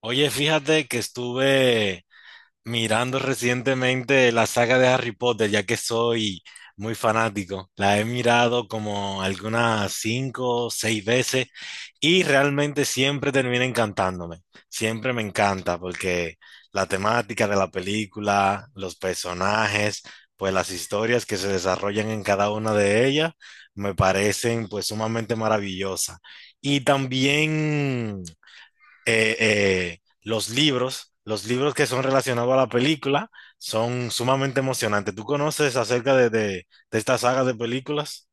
Oye, fíjate que estuve mirando recientemente la saga de Harry Potter, ya que soy muy fanático. La he mirado como algunas cinco o seis veces y realmente siempre termina encantándome. Siempre me encanta porque la temática de la película, los personajes, pues las historias que se desarrollan en cada una de ellas me parecen pues sumamente maravillosas. Y también los libros que son relacionados a la película, son sumamente emocionantes. ¿Tú conoces acerca de esta saga de películas?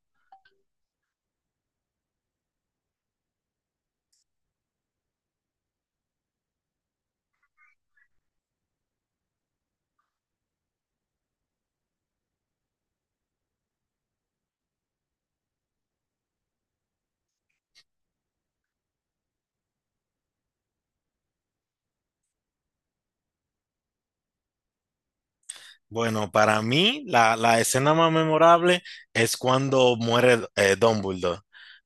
Bueno, para mí la escena más memorable es cuando muere Dumbledore.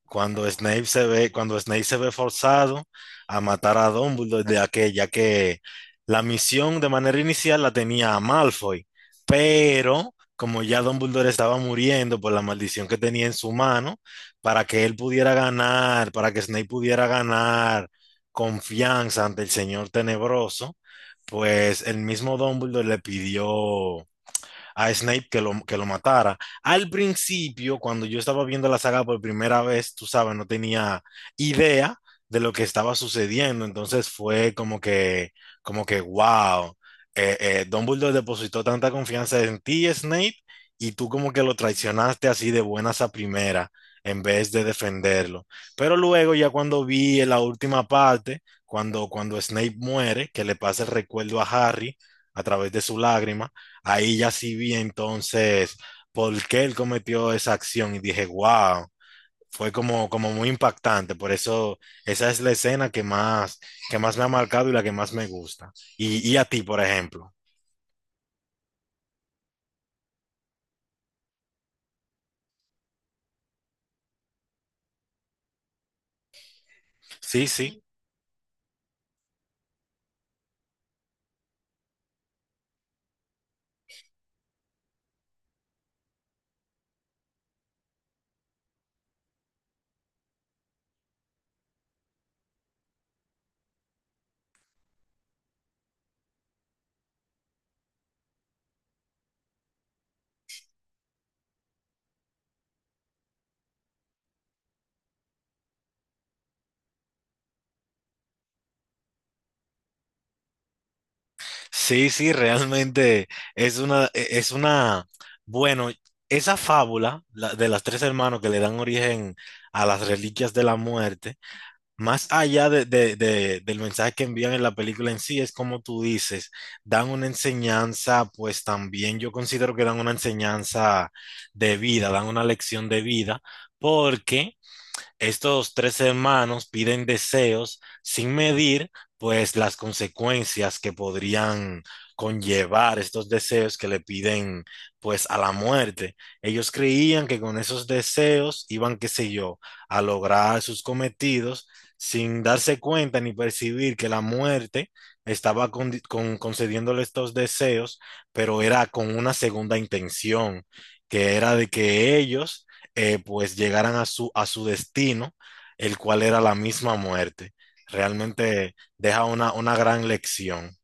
Cuando Snape se ve, cuando Snape se ve forzado a matar a Dumbledore, ya que la misión de manera inicial la tenía a Malfoy, pero como ya Dumbledore estaba muriendo por la maldición que tenía en su mano, para que él pudiera ganar, para que Snape pudiera ganar confianza ante el Señor Tenebroso, pues el mismo Dumbledore le pidió a Snape que lo matara. Al principio, cuando yo estaba viendo la saga por primera vez, tú sabes, no tenía idea de lo que estaba sucediendo, entonces fue wow, Dumbledore depositó tanta confianza en ti, Snape, y tú como que lo traicionaste así de buenas a primera en vez de defenderlo. Pero luego ya cuando vi en la última parte, cuando Snape muere, que le pasa el recuerdo a Harry a través de su lágrima, ahí ya sí vi entonces por qué él cometió esa acción y dije, wow, fue como muy impactante. Por eso esa es la escena que más me ha marcado y la que más me gusta. ¿Y, y a ti, por ejemplo? Sí, sí, sí, sí, realmente es es una, bueno, esa fábula de las tres hermanos que le dan origen a las reliquias de la muerte. Más allá del mensaje que envían en la película en sí, es como tú dices, dan una enseñanza, pues también yo considero que dan una enseñanza de vida, dan una lección de vida, porque estos tres hermanos piden deseos sin medir, pues, las consecuencias que podrían conllevar estos deseos que le piden, pues, a la muerte. Ellos creían que con esos deseos iban, qué sé yo, a lograr sus cometidos sin darse cuenta ni percibir que la muerte estaba concediéndole estos deseos, pero era con una segunda intención, que era de que ellos pues llegaran a su destino, el cual era la misma muerte. Realmente deja una gran lección.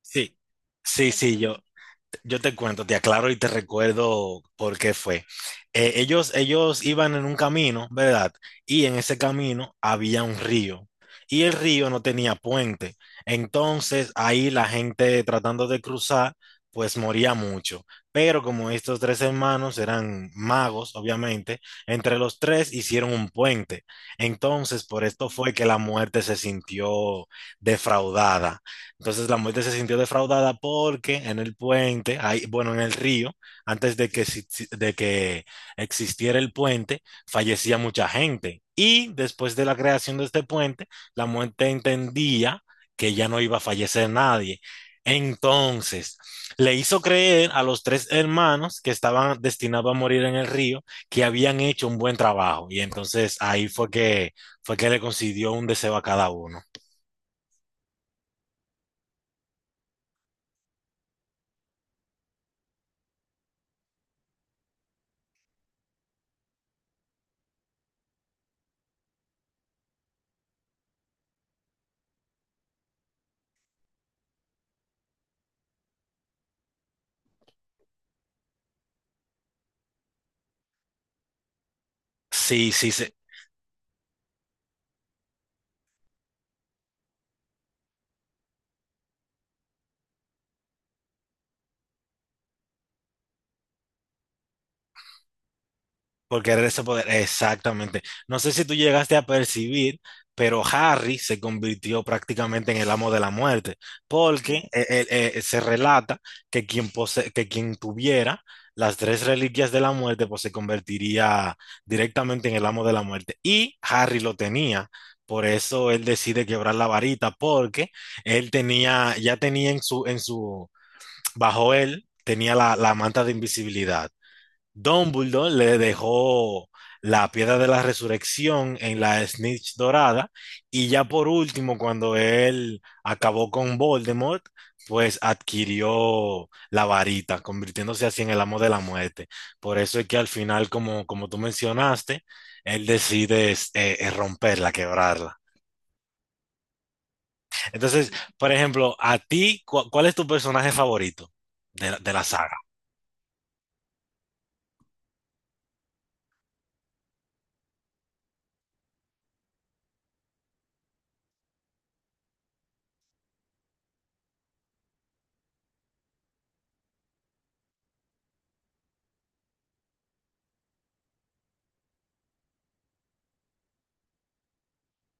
Sí, sí, sí, yo te cuento, te aclaro y te recuerdo por qué fue. Ellos iban en un camino, ¿verdad? Y en ese camino había un río. Y el río no tenía puente. Entonces ahí la gente tratando de cruzar, pues moría mucho. Pero como estos tres hermanos eran magos, obviamente, entre los tres hicieron un puente. Entonces por esto fue que la muerte se sintió defraudada. Entonces la muerte se sintió defraudada porque en el puente, ahí, bueno, en el río, antes de que, si- si- de que existiera el puente, fallecía mucha gente. Y después de la creación de este puente, la muerte entendía que ya no iba a fallecer nadie. Entonces, le hizo creer a los tres hermanos que estaban destinados a morir en el río, que habían hecho un buen trabajo. Y entonces fue que le concedió un deseo a cada uno. Sí, sí, sí. Por querer ese poder, exactamente. No sé si tú llegaste a percibir, pero Harry se convirtió prácticamente en el amo de la muerte, porque se relata que que quien tuviera las tres reliquias de la muerte, pues se convertiría directamente en el amo de la muerte. Y Harry lo tenía, por eso él decide quebrar la varita, porque él tenía, ya tenía en bajo él, tenía la manta de invisibilidad. Dumbledore le dejó la piedra de la resurrección en la Snitch dorada y ya por último, cuando él acabó con Voldemort, pues adquirió la varita, convirtiéndose así en el amo de la muerte. Por eso es que al final, como tú mencionaste, él decide romperla, quebrarla. Entonces, por ejemplo, a ti, ¿cuál es tu personaje favorito de la saga?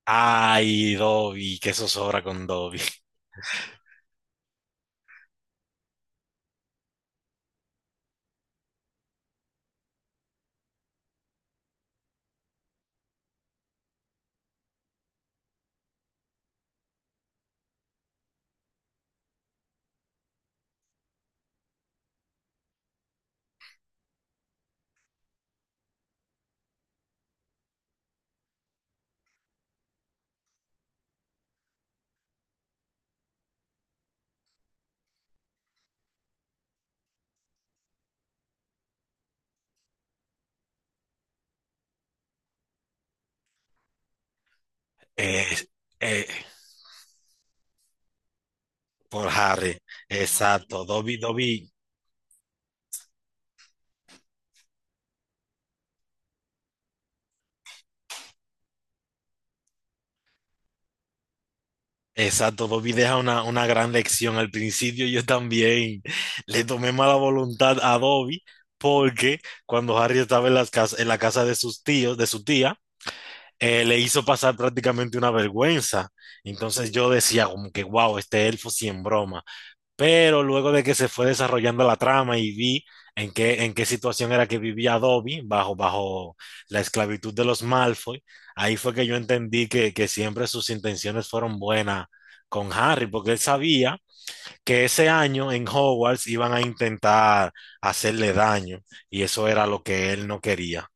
Ay, Dobby, qué zozobra con Dobby. Es- eh, por Harry, exacto. Dobby, exacto. Dobby deja una gran lección. Al principio yo también le tomé mala voluntad a Dobby porque cuando Harry estaba en la casa de sus tíos, de su tía, le hizo pasar prácticamente una vergüenza. Entonces yo decía como que, wow, este elfo sí en broma. Pero luego de que se fue desarrollando la trama y vi en en qué situación era que vivía Dobby bajo la esclavitud de los Malfoy, ahí fue que yo entendí que siempre sus intenciones fueron buenas con Harry, porque él sabía que ese año en Hogwarts iban a intentar hacerle daño y eso era lo que él no quería.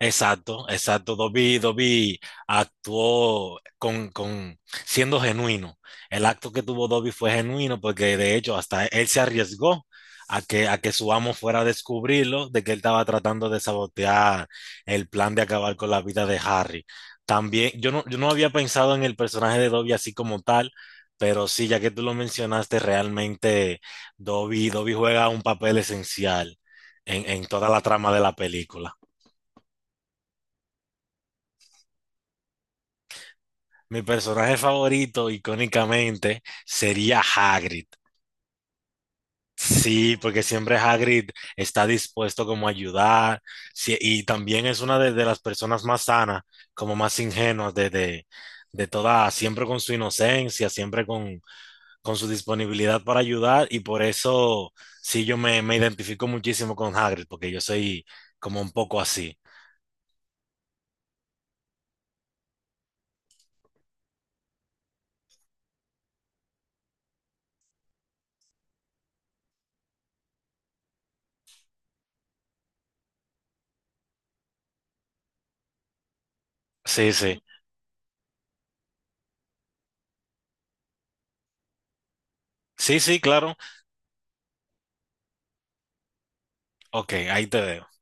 Exacto, exacto. Dobby actuó con siendo genuino. El acto que tuvo Dobby fue genuino porque de hecho hasta él se arriesgó a a que su amo fuera a descubrirlo de que él estaba tratando de sabotear el plan de acabar con la vida de Harry. También, yo no había pensado en el personaje de Dobby así como tal, pero sí, ya que tú lo mencionaste, realmente Dobby juega un papel esencial en toda la trama de la película. Mi personaje favorito, icónicamente, sería Hagrid. Sí, porque siempre Hagrid está dispuesto como a ayudar, sí, y también es una de las personas más sanas, como más ingenuas de toda, siempre con su inocencia, siempre con su disponibilidad para ayudar y por eso sí me identifico muchísimo con Hagrid, porque yo soy como un poco así. Sí, sí. Sí, sí, claro. Ok, ahí te veo.